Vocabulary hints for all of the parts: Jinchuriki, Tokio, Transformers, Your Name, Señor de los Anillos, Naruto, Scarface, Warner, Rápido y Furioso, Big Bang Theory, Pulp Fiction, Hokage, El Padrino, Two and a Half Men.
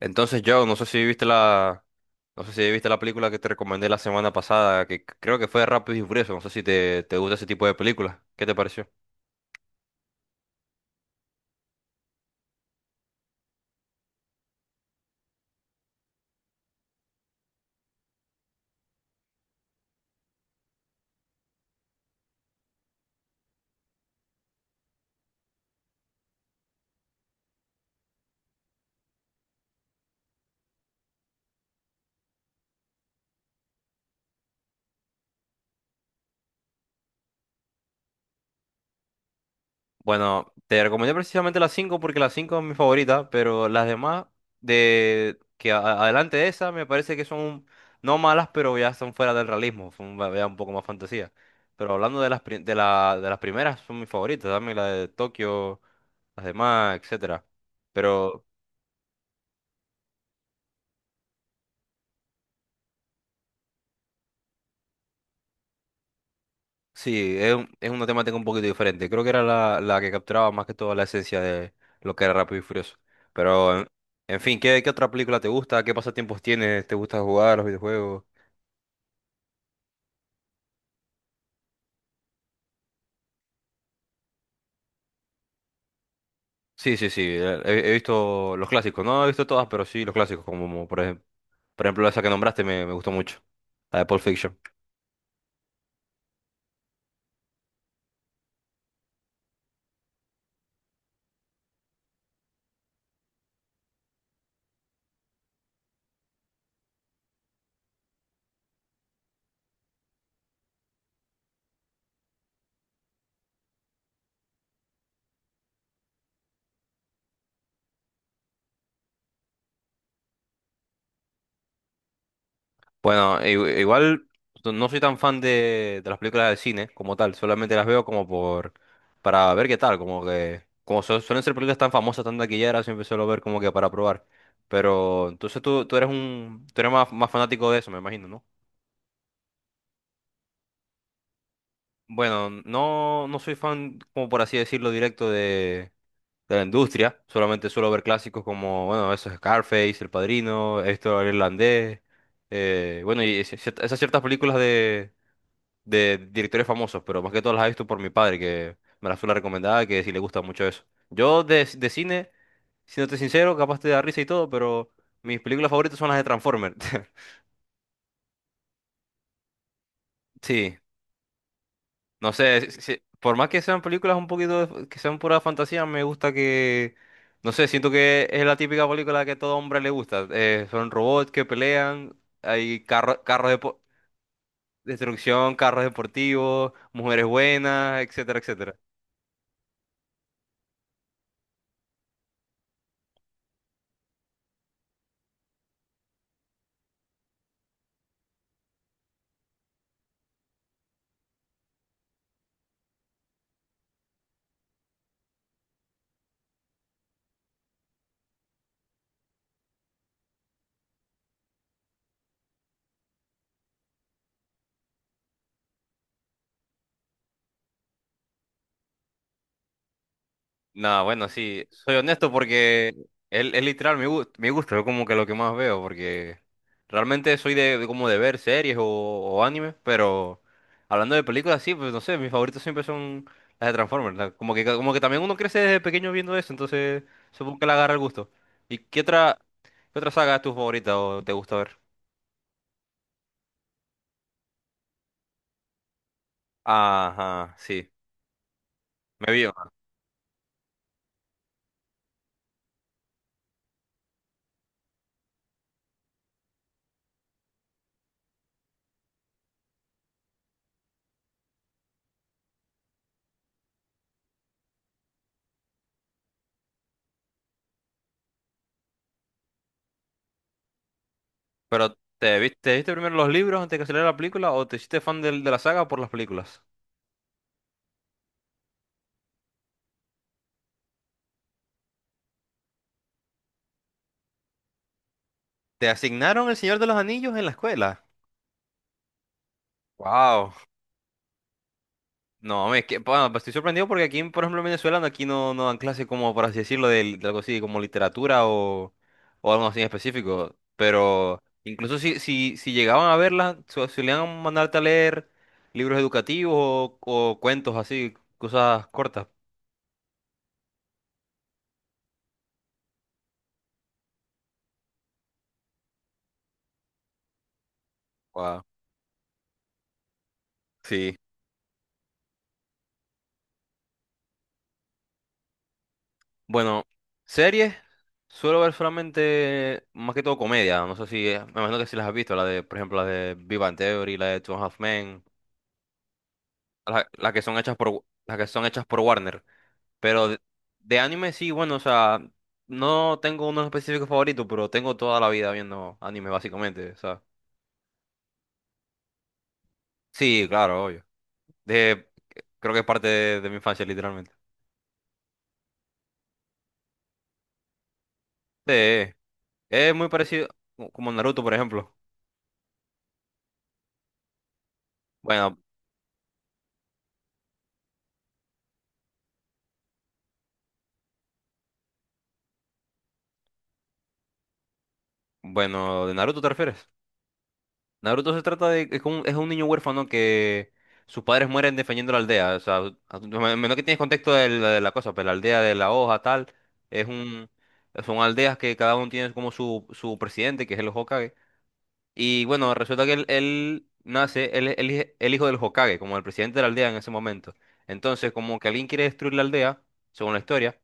Entonces, yo no sé si viste la, no sé si viste la película que te recomendé la semana pasada, que creo que fue Rápido y Furioso. No sé si te gusta ese tipo de películas. ¿Qué te pareció? Bueno, te recomendé precisamente las 5 porque las 5 es mi favorita, pero las demás de que adelante de esa me parece que son no malas, pero ya son fuera del realismo, ya un poco más fantasía. Pero hablando de las pri- de la, de las primeras son mis favoritas, dame la de Tokio, las demás, etcétera. Pero sí, es una temática un poquito diferente. Creo que era la que capturaba más que todo la esencia de lo que era Rápido y Furioso. Pero, en fin, ¿ qué otra película te gusta? ¿Qué pasatiempos tienes? ¿Te gusta jugar los videojuegos? Sí, sí, sí. He visto los clásicos. No he visto todas, pero sí los clásicos. Como por ejemplo esa que nombraste me gustó mucho. La de Pulp Fiction. Bueno, igual no soy tan fan de las películas de cine como tal, solamente las veo como por, para ver qué tal, como que, suelen ser películas tan famosas, tan taquilleras, siempre suelo ver como que para probar. Pero entonces tú eres tú eres más fanático de eso, me imagino, ¿no? Bueno, no, no soy fan, como por así decirlo, directo de la industria, solamente suelo ver clásicos como, bueno, eso es Scarface, El Padrino, esto el irlandés, bueno, esas ciertas películas de directores famosos, pero más que todo las he visto por mi padre, que me las fue la recomendada, que sí le gusta mucho eso. Yo de cine, siéndote sincero, capaz te da risa y todo, pero mis películas favoritas son las de Transformers. Sí, no sé, por más que sean películas un poquito, que sean pura fantasía, me gusta que, no sé, siento que es la típica película que a todo hombre le gusta. Son robots que pelean, hay carros destrucción, carros deportivos, mujeres buenas, etcétera, etcétera. No, bueno, sí, soy honesto porque es literal mi gusto, es como que lo que más veo, porque realmente soy de como de ver series o animes, pero hablando de películas, sí, pues no sé, mis favoritos siempre son las de Transformers, como que también uno crece desde pequeño viendo eso, entonces supongo que le agarra el gusto. ¿Y qué otra, qué otra saga es tu favorita o te gusta ver? Ajá, sí, me vio pero te viste primero los libros antes de que saliera la película o te hiciste fan de la saga por las películas? ¿Te asignaron el Señor de los Anillos en la escuela? Wow. No, es que, bueno, pues estoy sorprendido porque aquí, por ejemplo, en Venezuela, aquí no, no dan clases como, por así decirlo, de algo así como literatura o algo así en específico. Pero incluso si, si, si llegaban a verlas, solían mandarte a leer libros educativos o cuentos así, cosas cortas. Wow. Sí. Bueno, series, suelo ver solamente más que todo comedia. No sé si, me imagino que si las has visto, la de, por ejemplo, la de Big Bang Theory, la de Two and a Half Men, las que son hechas por, las que son hechas por Warner. Pero de anime sí, bueno, o sea, no tengo uno específico favorito, pero tengo toda la vida viendo anime básicamente, o sea. Sí, claro, obvio. De, creo que es parte de mi infancia, literalmente. Sí, es muy parecido, como Naruto, por ejemplo. Bueno, bueno, ¿de Naruto te refieres? Naruto se trata de... es un niño huérfano que sus padres mueren defendiendo la aldea. O sea, menos que tienes contexto de de la cosa, pero la aldea de la hoja, tal, es un... Son aldeas que cada uno tiene como su presidente, que es el Hokage. Y bueno, resulta que él nace, él es el hijo del Hokage, como el presidente de la aldea en ese momento. Entonces, como que alguien quiere destruir la aldea, según la historia,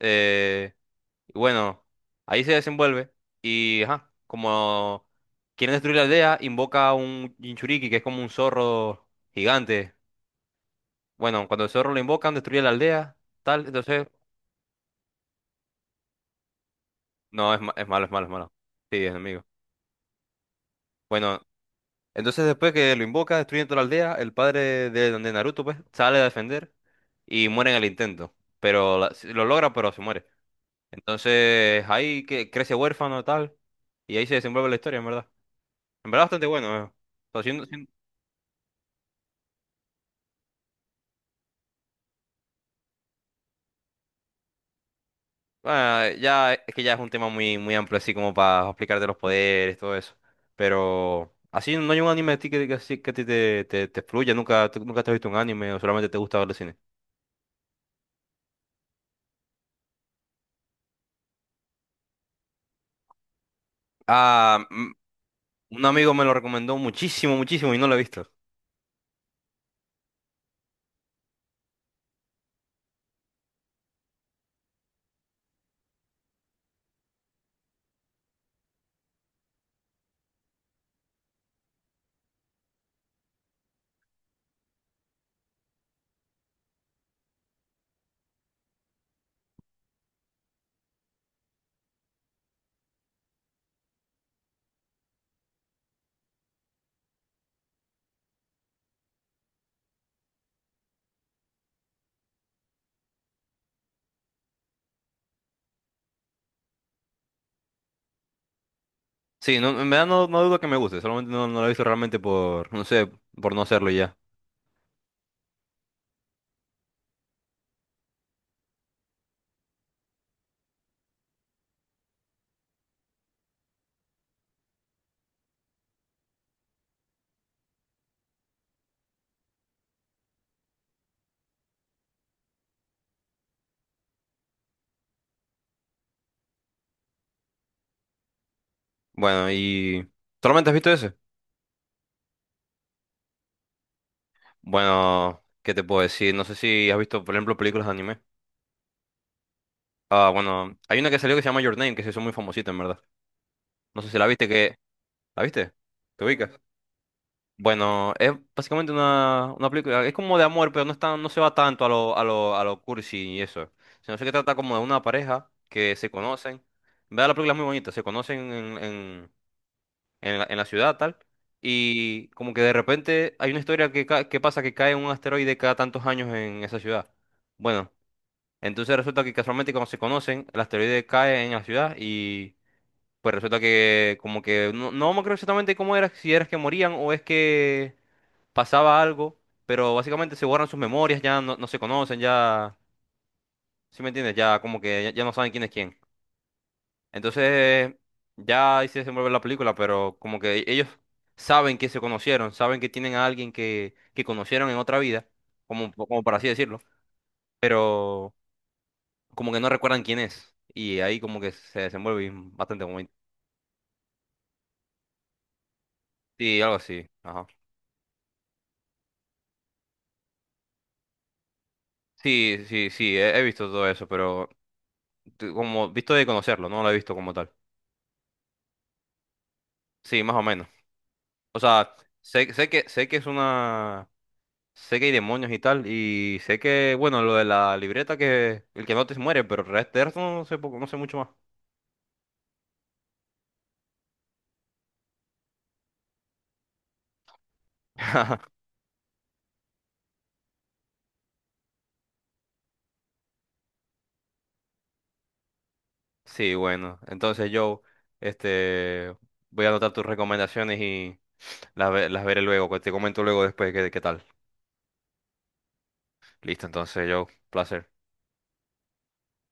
eh, y bueno, ahí se desenvuelve y, ajá, como quieren destruir la aldea, invoca a un Jinchuriki, que es como un zorro gigante. Bueno, cuando el zorro lo invocan, destruye la aldea, tal, entonces... No, es, es malo, es malo, es malo. Sí, es enemigo. Bueno, entonces después que lo invoca, destruyen toda la aldea, el padre de Naruto, pues, sale a defender y muere en el intento. Sí, lo logra, pero se muere. Entonces ahí que crece huérfano, tal, y ahí se desenvuelve la historia, en verdad. En verdad bastante bueno, eh. O sea, Bueno, ya es que ya es un tema muy, muy amplio, así como para explicarte los poderes, todo eso. Pero así no hay un anime a ti así que a ti te fluya, nunca, tú nunca te has visto un anime o solamente te gusta ver el cine. Ah, mm, un amigo me lo recomendó muchísimo, muchísimo y no lo he visto. Sí, no, en verdad no, no dudo que me guste, solamente no, no lo he visto realmente por, no sé, por no hacerlo y ya. Bueno, y... ¿Solamente has visto ese? Bueno, ¿qué te puedo decir? No sé si has visto, por ejemplo, películas de anime. Ah, bueno, hay una que salió que se llama Your Name, que se hizo muy famosita, en verdad. No sé si la viste que... ¿La viste? ¿Te ubicas? Bueno, es básicamente una película... Es como de amor, pero no está, no se va tanto a lo, a lo, a lo cursi y eso. Sino que trata como de una pareja que se conocen. En verdad la película es muy bonita. Se conocen en la ciudad, tal. Y como que de repente hay una historia que, que pasa que cae un asteroide cada tantos años en esa ciudad. Bueno, entonces resulta que casualmente cuando se conocen, el asteroide cae en la ciudad pues resulta que como que no, no me acuerdo exactamente cómo era, si era que morían o es que pasaba algo, pero básicamente se borran sus memorias, ya no, no se conocen, ya, ¿sí me entiendes? Ya como que ya, ya no saben quién es quién. Entonces, ya ahí se desenvuelve la película, pero como que ellos saben que se conocieron, saben que tienen a alguien que conocieron en otra vida, como, como para así decirlo, pero como que no recuerdan quién es. Y ahí como que se desenvuelve y bastante bonito. Sí, algo así. Ajá. Sí, sí, sí, he visto todo eso, pero como visto de conocerlo, no lo he visto como tal. Sí, más o menos. O sea, sé que es una sé que hay demonios y tal y sé que bueno, lo de la libreta que el que no te muere, pero el resto no sé poco, no sé mucho más. Sí, bueno, entonces yo este voy a anotar tus recomendaciones y las veré luego, que te comento luego después qué qué tal. Listo, entonces yo, placer.